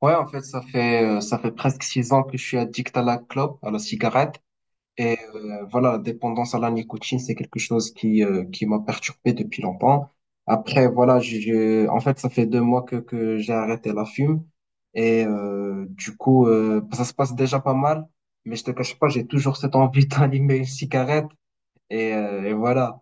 Ouais, en fait, ça fait presque 6 ans que je suis addict à la clope, à la cigarette. Et voilà, la dépendance à la nicotine, c'est quelque chose qui m'a perturbé depuis longtemps. Après, voilà, en fait, ça fait 2 mois que j'ai arrêté la fume. Du coup, ça se passe déjà pas mal. Mais je te cache pas, j'ai toujours cette envie d'allumer une cigarette. Et voilà.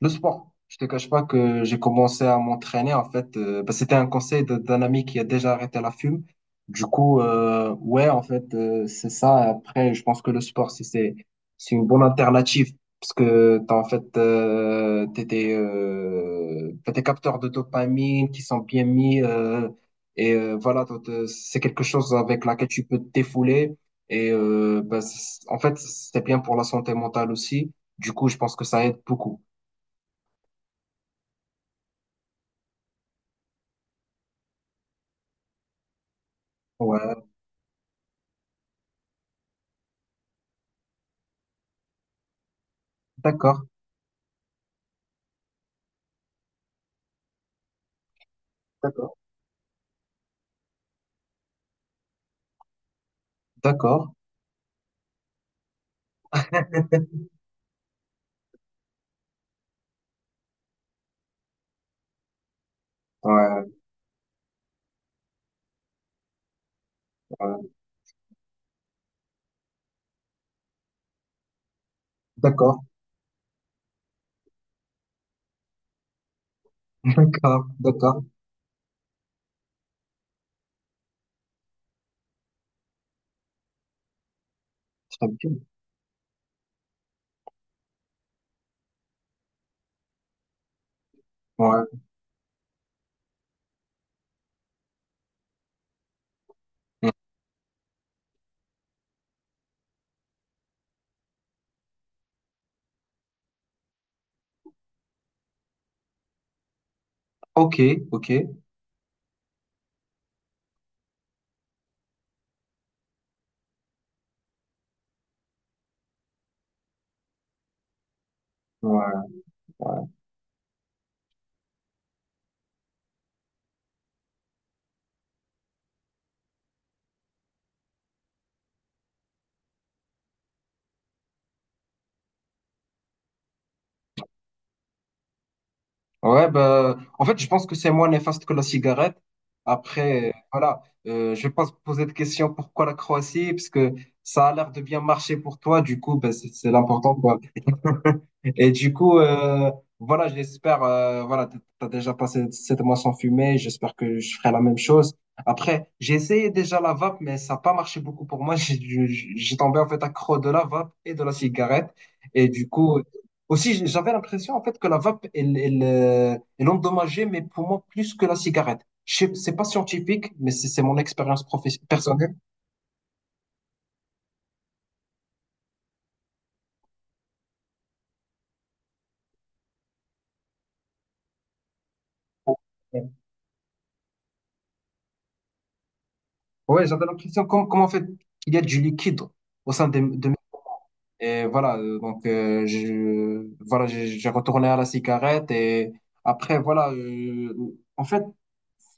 Le sport. Je te cache pas que j'ai commencé à m'entraîner en fait. Bah, c'était un conseil d'un ami qui a déjà arrêté la fume. Du coup, ouais, en fait, c'est ça. Après, je pense que le sport, c'est une bonne alternative parce que t'as en fait t'as des capteurs de dopamine qui sont bien mis. Et voilà, donc, c'est quelque chose avec laquelle tu peux te défouler. Et bah, en fait, c'est bien pour la santé mentale aussi. Du coup, je pense que ça aide beaucoup. Ouais, d'accord, d'accord. D'accord. Ouais, ouais. D'accord. D'accord, d'accord. Très bien. Ouais. Mm. Ok, ok. Ouais, ouais. Ouais, bah, en fait, je pense que c'est moins néfaste que la cigarette, après, voilà, je vais pas se poser de questions pourquoi la Croatie, parce que ça a l'air de bien marcher pour toi. Du coup, bah, c'est l'important. Et du coup, voilà, j'espère, voilà, t'as as déjà passé 7 mois sans fumer, j'espère que je ferai la même chose. Après, j'ai essayé déjà la vape, mais ça n'a pas marché beaucoup pour moi. J'ai tombé en fait accro de la vape et de la cigarette. Et du coup, aussi, j'avais l'impression en fait que la vape, elle endommageait mes poumons plus que la cigarette. C'est pas scientifique, mais c'est mon expérience professionnelle personnelle. Ouais, j'avais l'impression comme en fait, il y a du liquide au sein de Et voilà, donc je, voilà, j'ai retourné à la cigarette. Et après, voilà, en fait,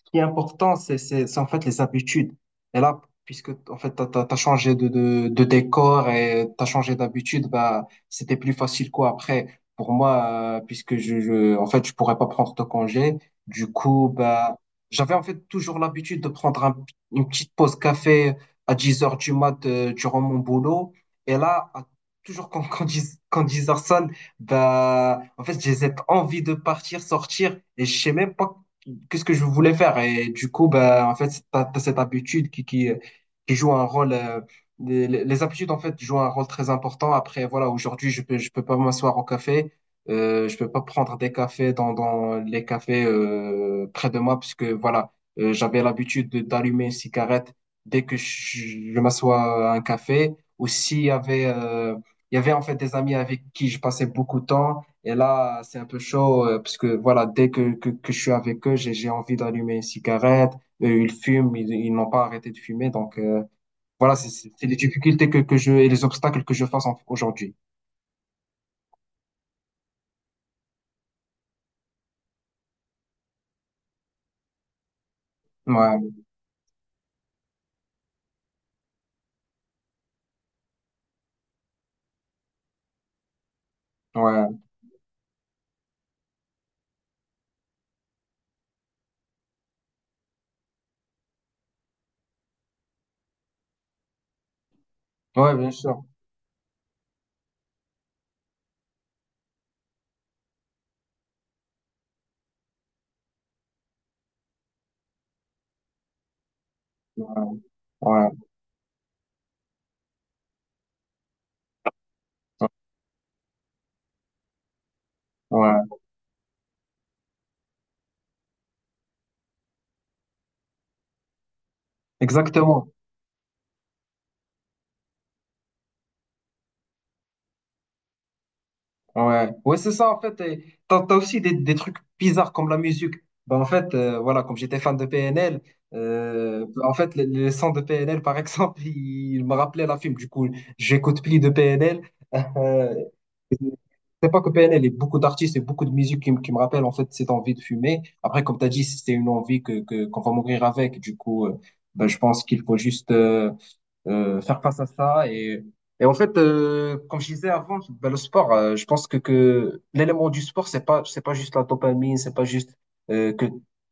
qui est important, c'est en fait les habitudes. Et là, puisque en fait, t'as changé de décor et t'as changé d'habitude, bah, c'était plus facile quoi. Après, pour moi, puisque en fait, je pourrais pas prendre de congé, du coup, bah, j'avais en fait toujours l'habitude de prendre une petite pause café à 10 heures du mat, durant mon boulot. Et là, toujours 10, quand 10 heures sonne, bah, en fait, j'ai cette envie de partir, sortir, et je sais même pas qu'est-ce que je voulais faire. Et du coup, bah, en fait, t'as cette habitude qui joue un rôle; les habitudes, en fait, jouent un rôle très important. Après, voilà, aujourd'hui, je peux pas m'asseoir au café. Je peux pas prendre des cafés dans les cafés près de moi, puisque, voilà, j'avais l'habitude d'allumer une cigarette dès que je m'assois à un café. Ou s'il y avait, il y avait, en fait, des amis avec qui je passais beaucoup de temps. Et là, c'est un peu chaud, parce que voilà, dès que je suis avec eux, j'ai envie d'allumer une cigarette. Eux, ils fument, ils n'ont pas arrêté de fumer. Donc voilà, c'est les difficultés que je et les obstacles que je face aujourd'hui. Ouais, ouais. Ouais, bien sûr. Ouais, ouais, ouais. Exactement. Ouais, ouais, c'est ça en fait. Et t'as aussi des trucs bizarres comme la musique. Ben, en fait, voilà, comme j'étais fan de PNL, en fait, les sons de PNL, par exemple, ils me rappelaient la film. Du coup, j'écoute plus de PNL. Euh, c'est pas que PNL, a beaucoup d'artistes et beaucoup de musique qui me rappellent en fait cette envie de fumer. Après, comme tu as dit, c'est une envie qu'on va mourir avec. Du coup, ben, je pense qu'il faut juste, faire face à ça. Et en fait, comme je disais avant, ben, le sport, je pense que l'élément du sport, c'est pas juste la dopamine, c'est pas juste que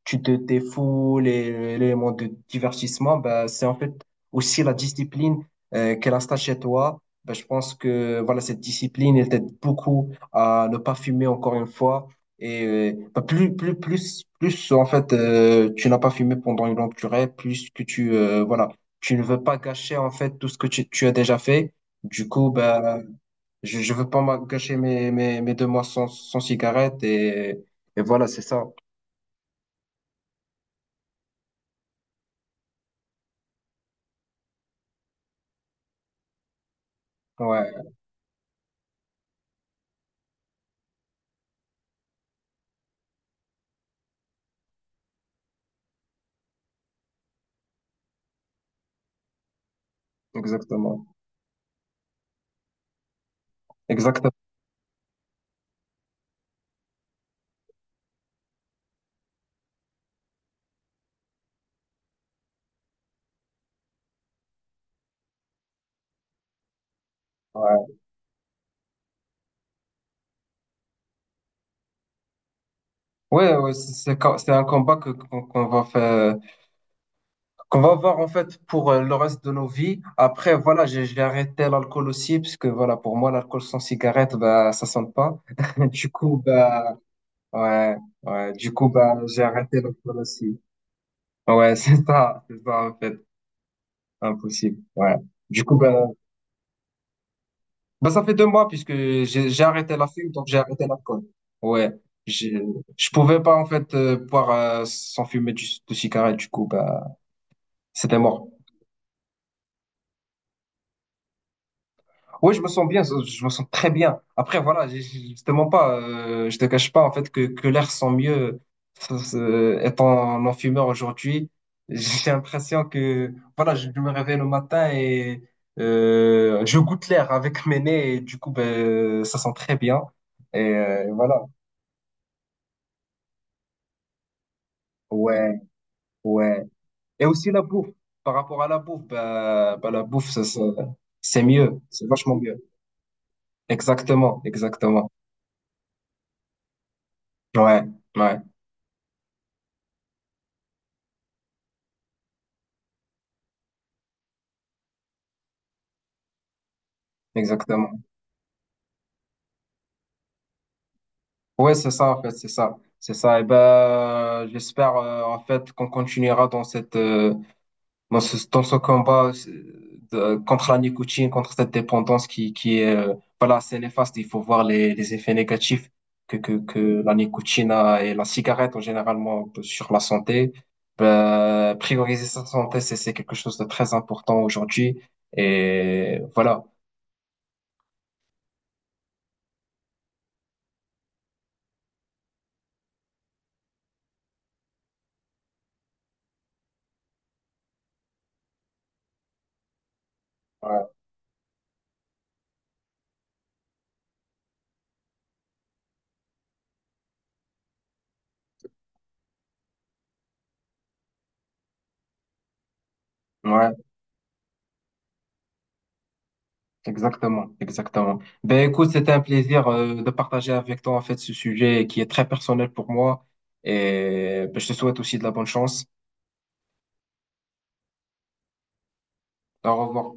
tu te défoules, et l'élément de divertissement, ben, c'est en fait aussi la discipline, qu'elle installe chez toi. Ben, je pense que voilà, cette discipline, elle t'aide beaucoup à ne pas fumer encore une fois. Et ben, plus, en fait, tu n'as pas fumé pendant une longue durée, plus que voilà, tu ne veux pas gâcher en fait tout ce que tu as déjà fait. Du coup, ben, je veux pas gâcher mes, mes 2 mois sans cigarette, et voilà, c'est ça. Ouais, exactement. Exactement. Ouais, ouais, ouais, c'est un combat que qu'on qu'on va faire, qu'on va avoir en fait pour le reste de nos vies. Après, voilà, j'ai arrêté l'alcool aussi parce que voilà, pour moi, l'alcool sans cigarette, bah, ça sonne pas. Du coup, bah, ouais, ouais, du coup, bah, j'ai arrêté l'alcool aussi. Ouais, c'est ça en fait, impossible. Ouais. Du coup, ben, ça fait deux mois puisque j'ai arrêté la fume, donc j'ai arrêté l'alcool. Ouais, j'ai- je pouvais pas en fait boire sans fumer de cigarette, du coup, ben c'était mort. Oui, je me sens bien, je me sens très bien. Après, voilà, je te cache pas en fait que l'air sent mieux, ça, ça, étant non-fumeur aujourd'hui. J'ai l'impression que voilà, je me réveille le matin et je goûte l'air avec mes nez et du coup, ben, ça sent très bien. Et voilà. Ouais, ouais. Et aussi la bouffe. Par rapport à la bouffe, la bouffe, c'est mieux, c'est vachement mieux. Exactement, exactement. Ouais, ouais, exactement. Ouais, c'est ça, en fait, c'est ça. C'est ça. Et ben, j'espère, en fait, qu'on continuera dans dans ce combat contre la nicotine, contre cette dépendance qui est, voilà, assez néfaste. Il faut voir les effets négatifs que la nicotine a, et la cigarette, en généralement, sur la santé. Ben, prioriser sa santé, c'est quelque chose de très important aujourd'hui. Et voilà. Ouais. Ouais. Exactement, exactement. Ben écoute, c'était un plaisir de partager avec toi en fait ce sujet qui est très personnel pour moi, et ben, je te souhaite aussi de la bonne chance. Au revoir.